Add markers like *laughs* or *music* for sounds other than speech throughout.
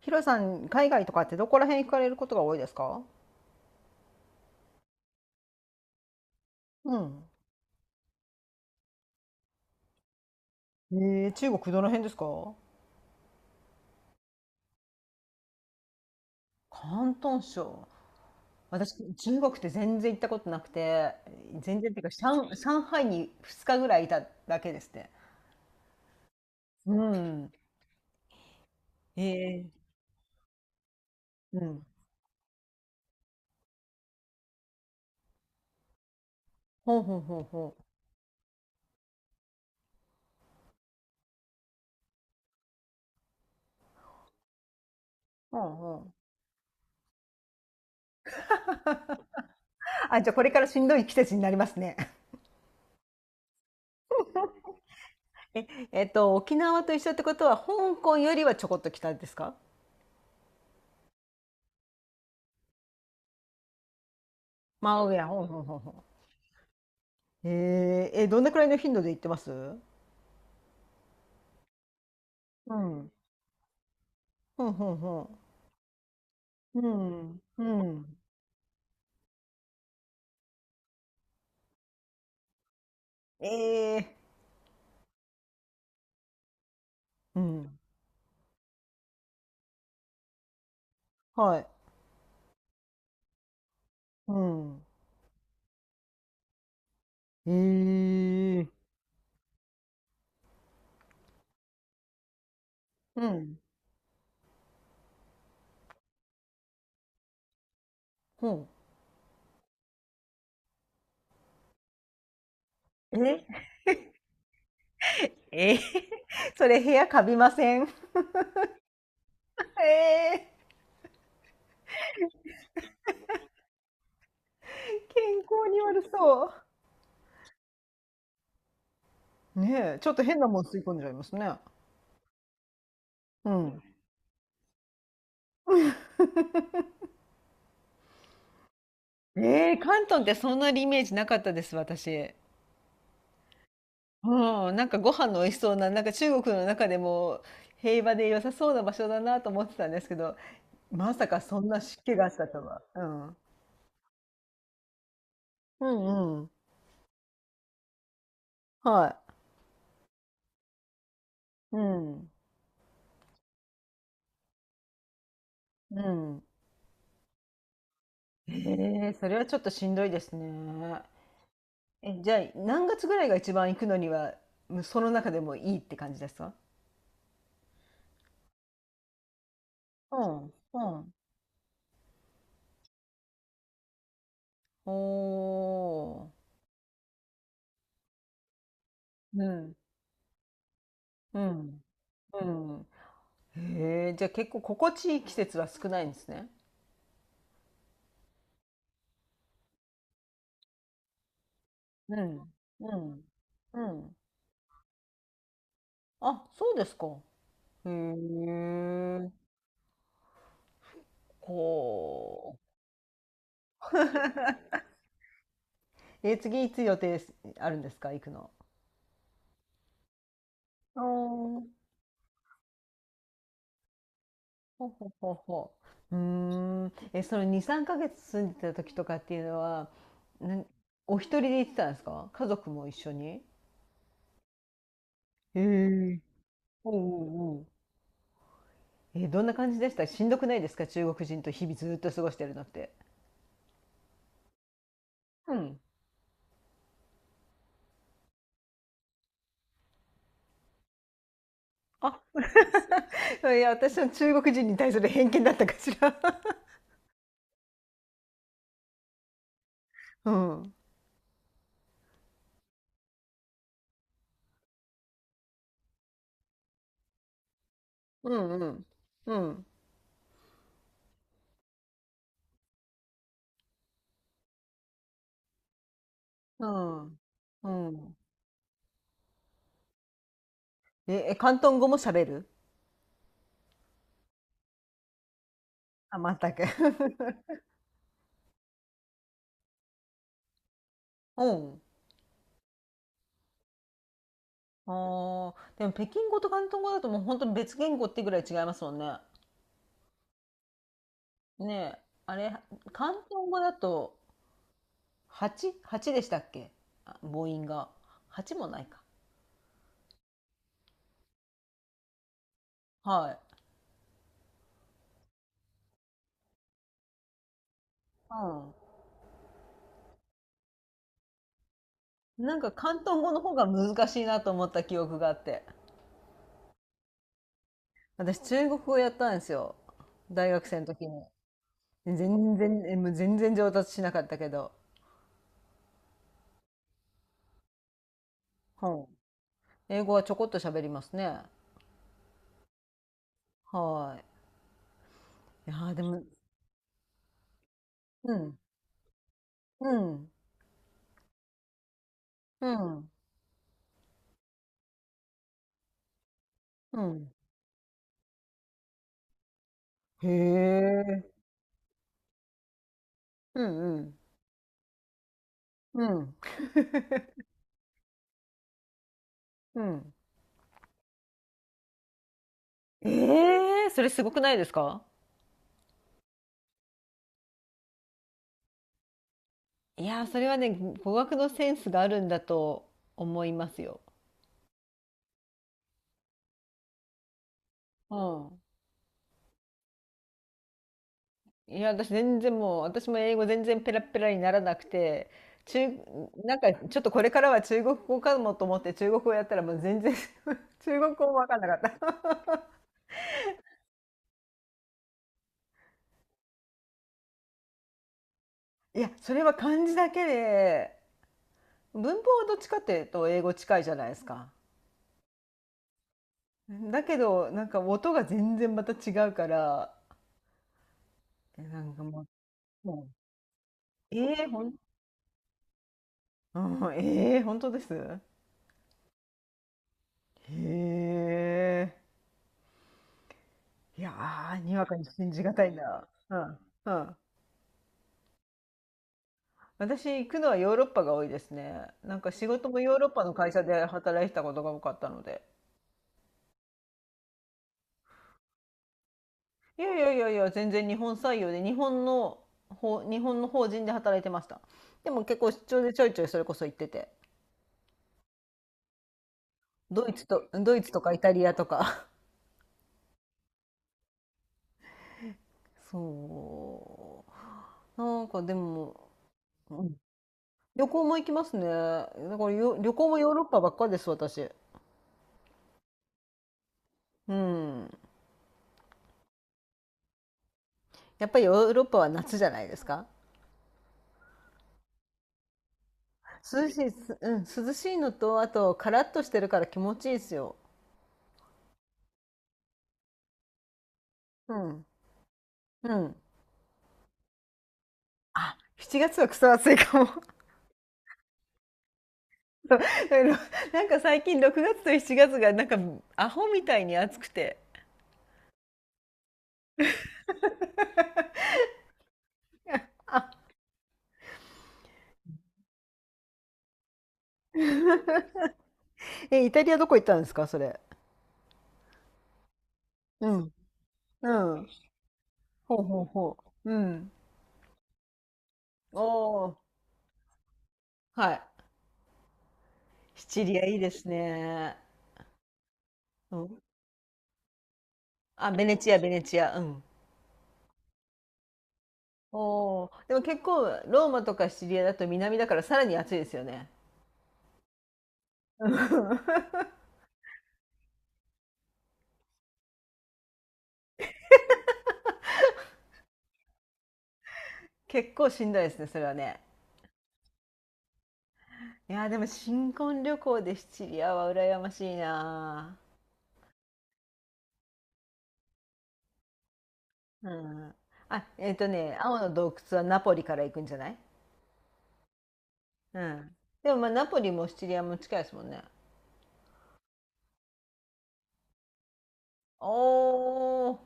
ヒロさん、海外とかってどこら辺行かれることが多いですか？うん。中国どの辺ですか？広東省。私、中国って全然行ったことなくて、全然っていうか、上海に2日ぐらいいただけですね。うん。えー、うん。ほうほうほうほう。ほうほう。あ、じゃあこれからしんどい季節になりますね。*laughs* え、沖縄と一緒ってことは、香港よりはちょこっと北ですか？まあ、真上、ほうほうほうほう。どんなくらいの頻度で行ってますう？ん。ほんほんほん。うん。うん。ええ、うん。はい。うん。ええ、うん。ほん。え、ええ、 *laughs* それ部屋カビません？ええ、健康に悪そう。ねえ、ちょっと変なもん吸い込んじゃいますね。うん。ええ、関東ってそんなにイメージなかったです、私。うん、なんかご飯の美味しそうな、なんか中国の中でも平和で良さそうな場所だなと思ってたんですけど、まさかそんな湿気があったとは。うんうん。はい。うん。うん。ええ、それはちょっとしんどいですね。え、じゃあ、何月ぐらいが一番行くのには、む、その中でもいいって感じですか？うん。うん。おー。うん。うん。うん。へえ、じゃあ結構心地いい季節は少ないんですね。うん。うん。うん。あ、そうですか。へえ。こう。*laughs* え、次いつ予定すあるんですか、行くの。おー、ほほほほ。うーん。え、その2、3ヶ月住んでた時とかっていうのは、なん、お一人で行ってたんですか、家族も一緒に。ええ。お、うんうんうん。え、どんな感じでした、しんどくないですか、中国人と日々ずっと過ごしてるのって。うん。あ、いや、私の中国人に対する偏見だったかしら。*laughs* うん。うんうん。うん。うん。うん。え、広東語も喋る？あ、全く。*laughs* うん。ああ、でも北京語と広東語だともう本当に別言語ってぐらい違いますもんね。ねえ、あれ、広東語だと 8?8 でしたっけ、あ、母音が。8もないか。はい。うん。なんか広東語の方が難しいなと思った記憶があって。私、中国語やったんですよ。大学生の時に。全然、えもう全然上達しなかったけど。はい。英語はちょこっと喋りますね。はい。いやーでも、うん、うん、うん、うん。へえ。うんうん。うん。*laughs* うん。ええ、それすごくないですか？いやー、それはね、語学のセンスがあるんだと思いますよ。うん。いや、私も英語全然ペラペラにならなくて、中、なんかちょっとこれからは中国語かもと思って中国語やったらもう全然、 *laughs* 中国語もわかんなかった。いや、それは漢字だけで、文法はどっちかっていうと英語近いじゃないですか。だけど、なんか音が全然また違うから、なんかもう、ええ、ほん、うん、ええ、本当ですへえ。いやー、にわかに信じがたいな。うん、うん。私、行くのはヨーロッパが多いですね。なんか仕事もヨーロッパの会社で働いてたことが多かったので。いやいやいやいや、全然日本採用で、日本の法人で働いてました。でも結構出張でちょいちょいそれこそ行ってて。ドイツとかイタリアとか、そう。なんかでも、うん、旅行も行きますね。だからよ旅行もヨーロッパばっかりです、私。うん。やっぱりヨーロッパは夏じゃないですか。涼しいのと、あと、カラッとしてるから気持ちいいですよ。うん。うん。あ、7月はクソ暑いかも。*laughs* そう、なんか最近6月と7月が、なんかアホみたいに暑くて。*laughs* あ、 *laughs* イタリアどこ行ったんですか、それ。うん。うん。ほうほうほう。うん。おー、はい。シチリアいいですね。うん。あ、ベネチア、ベネチア。うん。おー、でも結構、ローマとかシチリアだと南だからさらに暑いですよね。うん、 *laughs* 結構しんどいですね、それはね。いやー、でも新婚旅行でシチリアは羨ましいなー。うん。あ、青の洞窟はナポリから行くんじゃない？うん。でもまあ、ナポリもシチリアも近いですもんね。おー、素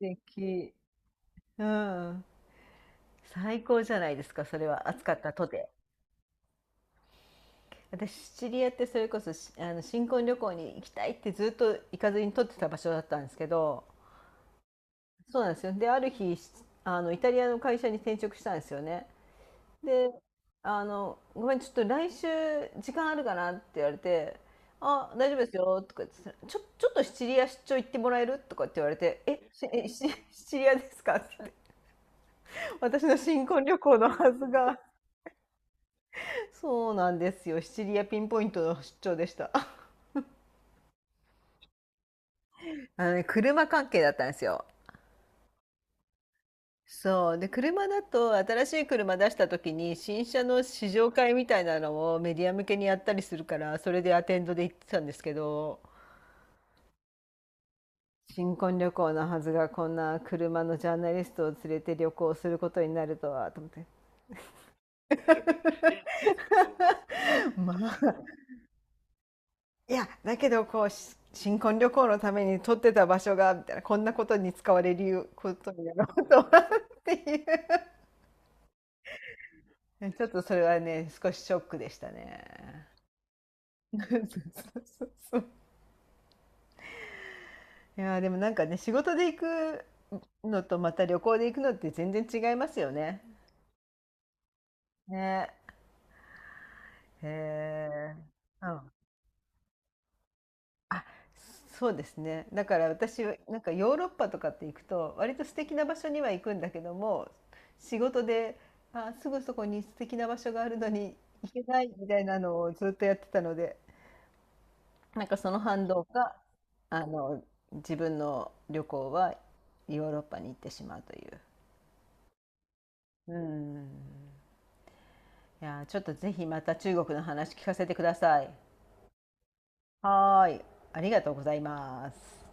敵。うん。最高じゃないですか、それは。暑かったとて。私、シチリアってそれこそしあの新婚旅行に行きたいってずっと行かずに取ってた場所だったんですけど、そうなんですよ。で、ある日、しあの、イタリアの会社に転職したんですよね。で、ごめん、ちょっと来週時間あるかなって言われて、あ、大丈夫ですよ、とか言って、ちょっとシチリア出張行ってもらえるとかって言われて、え、しえシシチリア *laughs* ですかって言って、私の新婚旅行のはずが、そうなんですよ。シチリアピンポイントの出張でした。*laughs* あのね、車関係だったんですよ。そう。で、車だと新しい車出した時に新車の試乗会みたいなのをメディア向けにやったりするから、それでアテンドで行ってたんですけど、新婚旅行のはずがこんな車のジャーナリストを連れて旅行することになるとはと思って、 *laughs* まあ、いやだけどこうし新婚旅行のために撮ってた場所がみたいな、こんなことに使われることになろうとはっていう、ちょっとそれはね、少しショックでしたね。*laughs* そうそうそうそう。いやーでもなんかね、仕事で行くのとまた旅行で行くのって全然違いますよね。ね。へえ。うん。あ、そうですね。だから私はなんかヨーロッパとかって行くと、割と素敵な場所には行くんだけども、仕事で、あ、すぐそこに素敵な場所があるのに行けないみたいなのをずっとやってたので、なんかその反動が、あの、自分の旅行はヨーロッパに行ってしまうという。うん。いやー、ちょっとぜひまた中国の話聞かせてください。はーい。ありがとうございます。